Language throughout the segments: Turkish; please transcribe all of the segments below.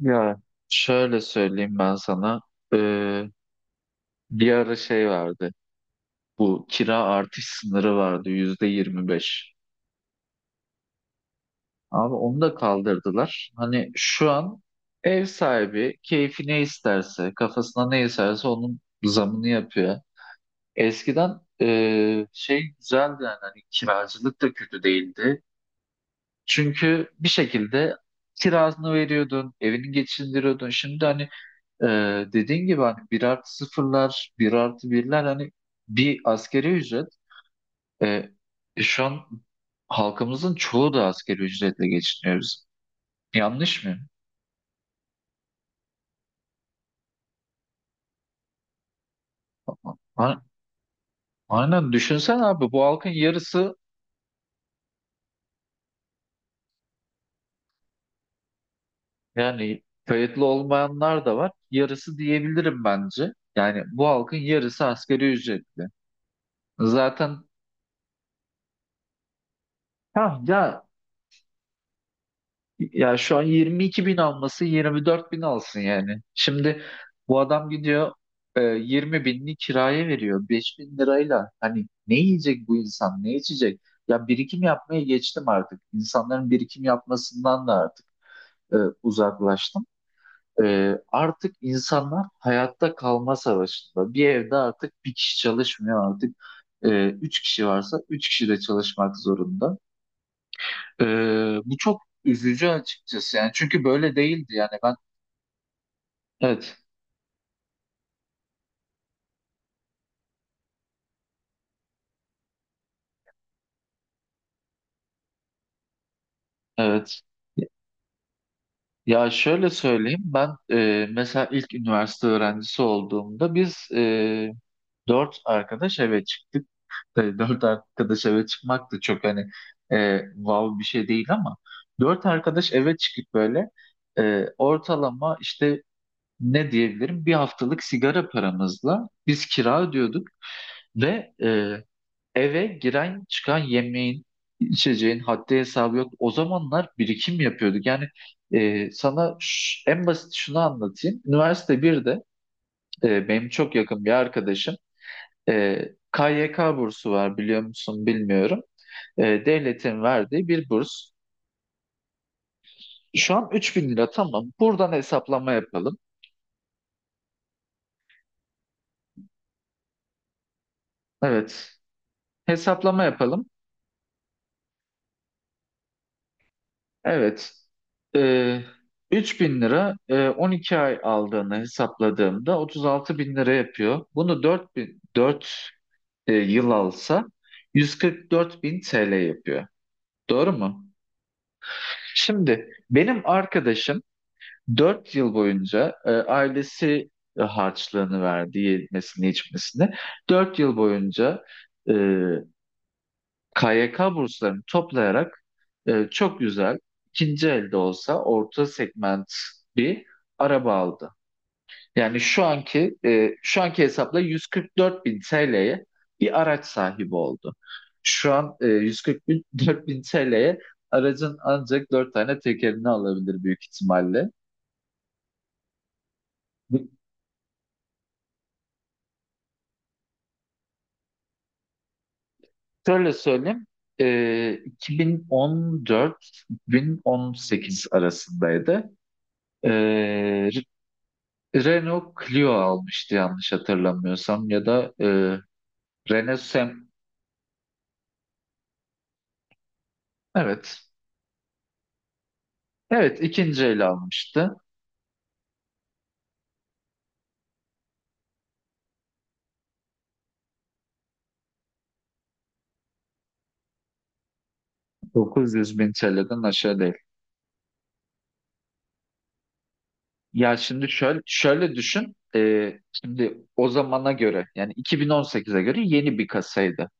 Ya şöyle söyleyeyim ben sana. Ee, Bir ara şey vardı. Bu kira artış sınırı vardı %25. Abi onu da kaldırdılar. Hani şu an ev sahibi keyfi ne isterse, kafasına ne isterse onun zamını yapıyor. Eskiden şey güzeldi yani hani kiracılık da kötü değildi. Çünkü bir şekilde kirasını veriyordun, evini geçindiriyordun. Şimdi hani, dediğin gibi hani bir artı sıfırlar, bir artı birler hani bir askeri ücret. Ee, Şu an halkımızın çoğu da askeri ücretle geçiniyoruz. Yanlış mı? A- Aynen, düşünsen abi bu halkın yarısı, yani kayıtlı olmayanlar da var. Yarısı diyebilirim bence. Yani bu halkın yarısı askeri ücretli. Zaten, ha, ya, şu an 22 bin alması 24 bin alsın yani. Şimdi bu adam gidiyor, 20 binini kiraya veriyor. 5 bin lirayla hani ne yiyecek bu insan, ne içecek? Ya birikim yapmaya geçtim artık. İnsanların birikim yapmasından da artık e, uzaklaştım. Artık insanlar hayatta kalma savaşında. Bir evde artık bir kişi çalışmıyor artık. Üç kişi varsa üç kişi de çalışmak zorunda. Bu çok üzücü açıkçası yani çünkü böyle değildi yani ben. Evet, evet. Ya şöyle söyleyeyim ben, mesela ilk üniversite öğrencisi olduğumda biz, dört arkadaş eve çıktık. Tabii dört arkadaş eve çıkmak da çok hani, wow bir şey değil ama dört arkadaş eve çıkıp böyle, ortalama işte, ne diyebilirim, bir haftalık sigara paramızla biz kira ödüyorduk ve eve giren çıkan yemeğin, içeceğin haddi hesabı yok. O zamanlar birikim yapıyorduk. Yani, sana en basit şunu anlatayım. Üniversite birde, benim çok yakın bir arkadaşım, e, KYK bursu var biliyor musun bilmiyorum. Devletin verdiği bir burs. Şu an 3000 lira, tamam. Buradan hesaplama yapalım. Evet. Hesaplama yapalım. Evet. Ee, Üç bin lira, 12 ay aldığını hesapladığımda 36 bin lira yapıyor. Bunu 4 yıl alsa 144 bin TL yapıyor. Doğru mu? Şimdi benim arkadaşım 4 yıl boyunca, ailesi harçlığını verdi, yemesini, içmesini. 4 yıl boyunca KYK burslarını toplayarak, çok güzel, ikinci elde olsa orta segment bir araba aldı. Yani şu anki hesapla 144 bin TL'ye bir araç sahibi oldu. Şu an, 144 bin TL'ye aracın ancak dört tane tekerini alabilir büyük ihtimalle. Şöyle söyleyeyim. 2014-2018 arasındaydı. E, Renault Clio almıştı yanlış hatırlamıyorsam ya da, Renault Sem, evet, evet, ikinci el almıştı. 900 bin TL'den aşağı değil. Ya şimdi şöyle düşün, şimdi o zamana göre yani 2018'e göre yeni bir kasaydı.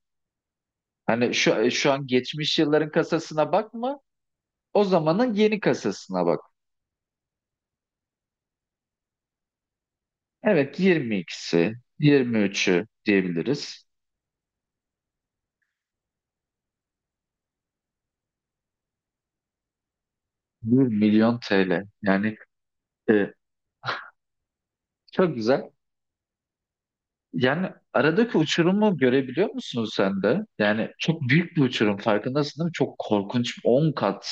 Hani şu an geçmiş yılların kasasına bakma, o zamanın yeni kasasına bak. Evet, 22'si 23'ü diyebiliriz. Bir milyon TL yani, e, çok güzel. Yani aradaki uçurumu görebiliyor musun sen de? Yani çok büyük bir uçurum, farkındasın değil mi? Çok korkunç, 10 kat.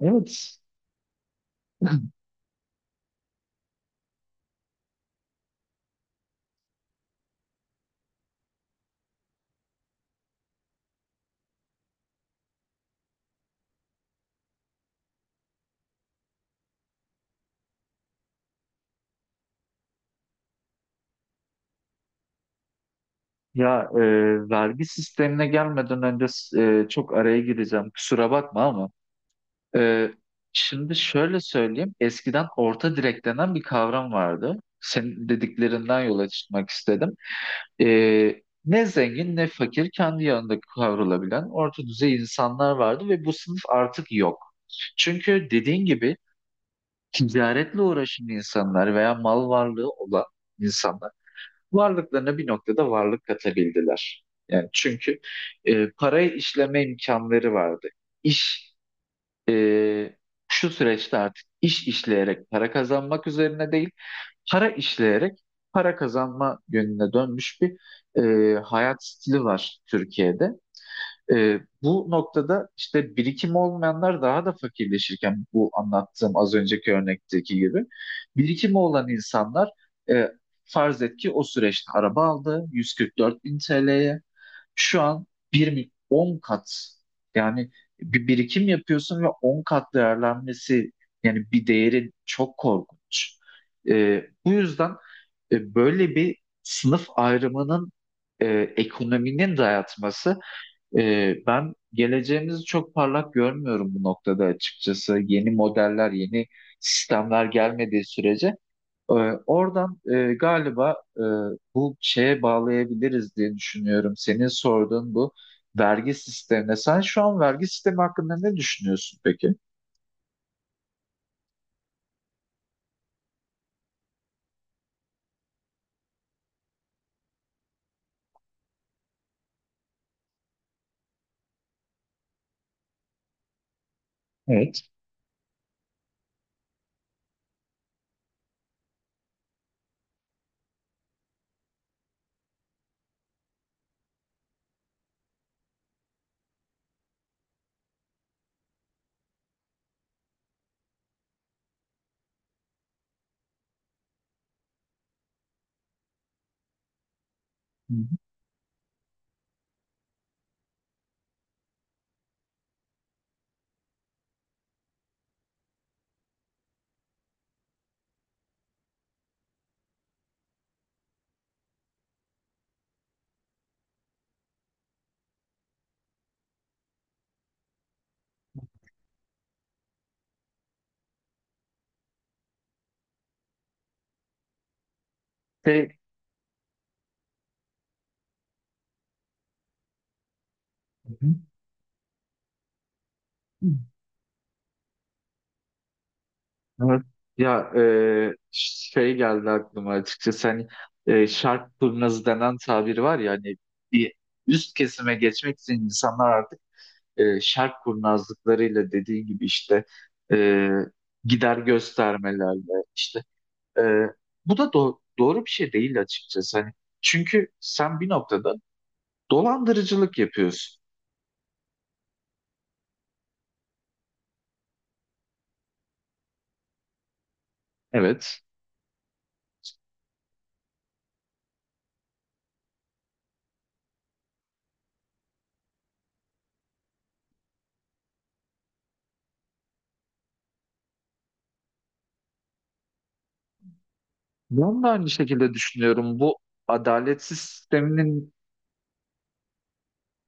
Evet. Ya, vergi sistemine gelmeden önce, çok araya gireceğim. Kusura bakma ama. E, şimdi şöyle söyleyeyim. Eskiden orta direk denen bir kavram vardı. Senin dediklerinden yola çıkmak istedim. Ne zengin ne fakir, kendi yanında kavrulabilen orta düzey insanlar vardı ve bu sınıf artık yok. Çünkü dediğin gibi ticaretle uğraşan insanlar veya mal varlığı olan insanlar varlıklarına bir noktada varlık katabildiler. Yani çünkü, parayı işleme imkanları vardı. İş e, Şu süreçte artık iş işleyerek para kazanmak üzerine değil, para işleyerek para kazanma yönüne dönmüş bir, hayat stili var Türkiye'de. Bu noktada işte birikim olmayanlar daha da fakirleşirken, bu anlattığım az önceki örnekteki gibi birikimi olan insanlar, e, farz et ki o süreçte araba aldı 144 bin TL'ye, şu an bir 10 kat yani, bir birikim yapıyorsun ve 10 kat değerlenmesi, yani bir değerin çok korkunç. Bu yüzden, böyle bir sınıf ayrımının, e, ekonominin dayatması, ben geleceğimizi çok parlak görmüyorum bu noktada açıkçası. Yeni modeller, yeni sistemler gelmediği sürece, ee, oradan, galiba, bu şeye bağlayabiliriz diye düşünüyorum. Senin sorduğun bu vergi sistemine. Sen şu an vergi sistemi hakkında ne düşünüyorsun peki? Evet. Hı hı. Şey. Hı hı. Evet. Ya, şey geldi aklıma açıkçası, hani, şark turnazı denen tabiri var ya, hani bir üst kesime geçmek için insanlar artık, şark kurnazlıklarıyla dediği gibi işte, e, gider göstermelerle işte. Ee, Bu da doğru bir şey değil açıkçası. Hani çünkü sen bir noktada dolandırıcılık yapıyorsun. Evet. Ben de aynı şekilde düşünüyorum. Bu adaletsiz sisteminin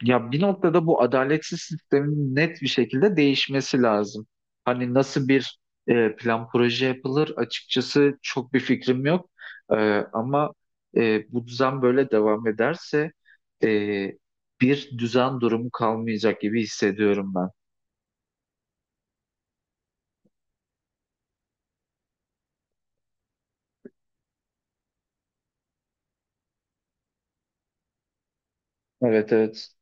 ya bir noktada bu adaletsiz sistemin net bir şekilde değişmesi lazım. Hani nasıl bir, plan proje yapılır açıkçası çok bir fikrim yok. Ee, Ama, bu düzen böyle devam ederse, e, bir düzen durumu kalmayacak gibi hissediyorum ben. Evet, evet,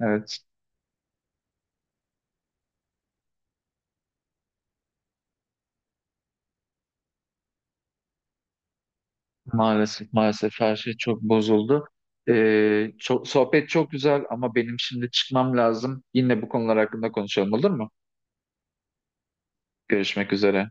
evet. Maalesef, maalesef, her şey çok bozuldu. Sohbet çok güzel ama benim şimdi çıkmam lazım. Yine bu konular hakkında konuşalım, olur mu? Görüşmek üzere.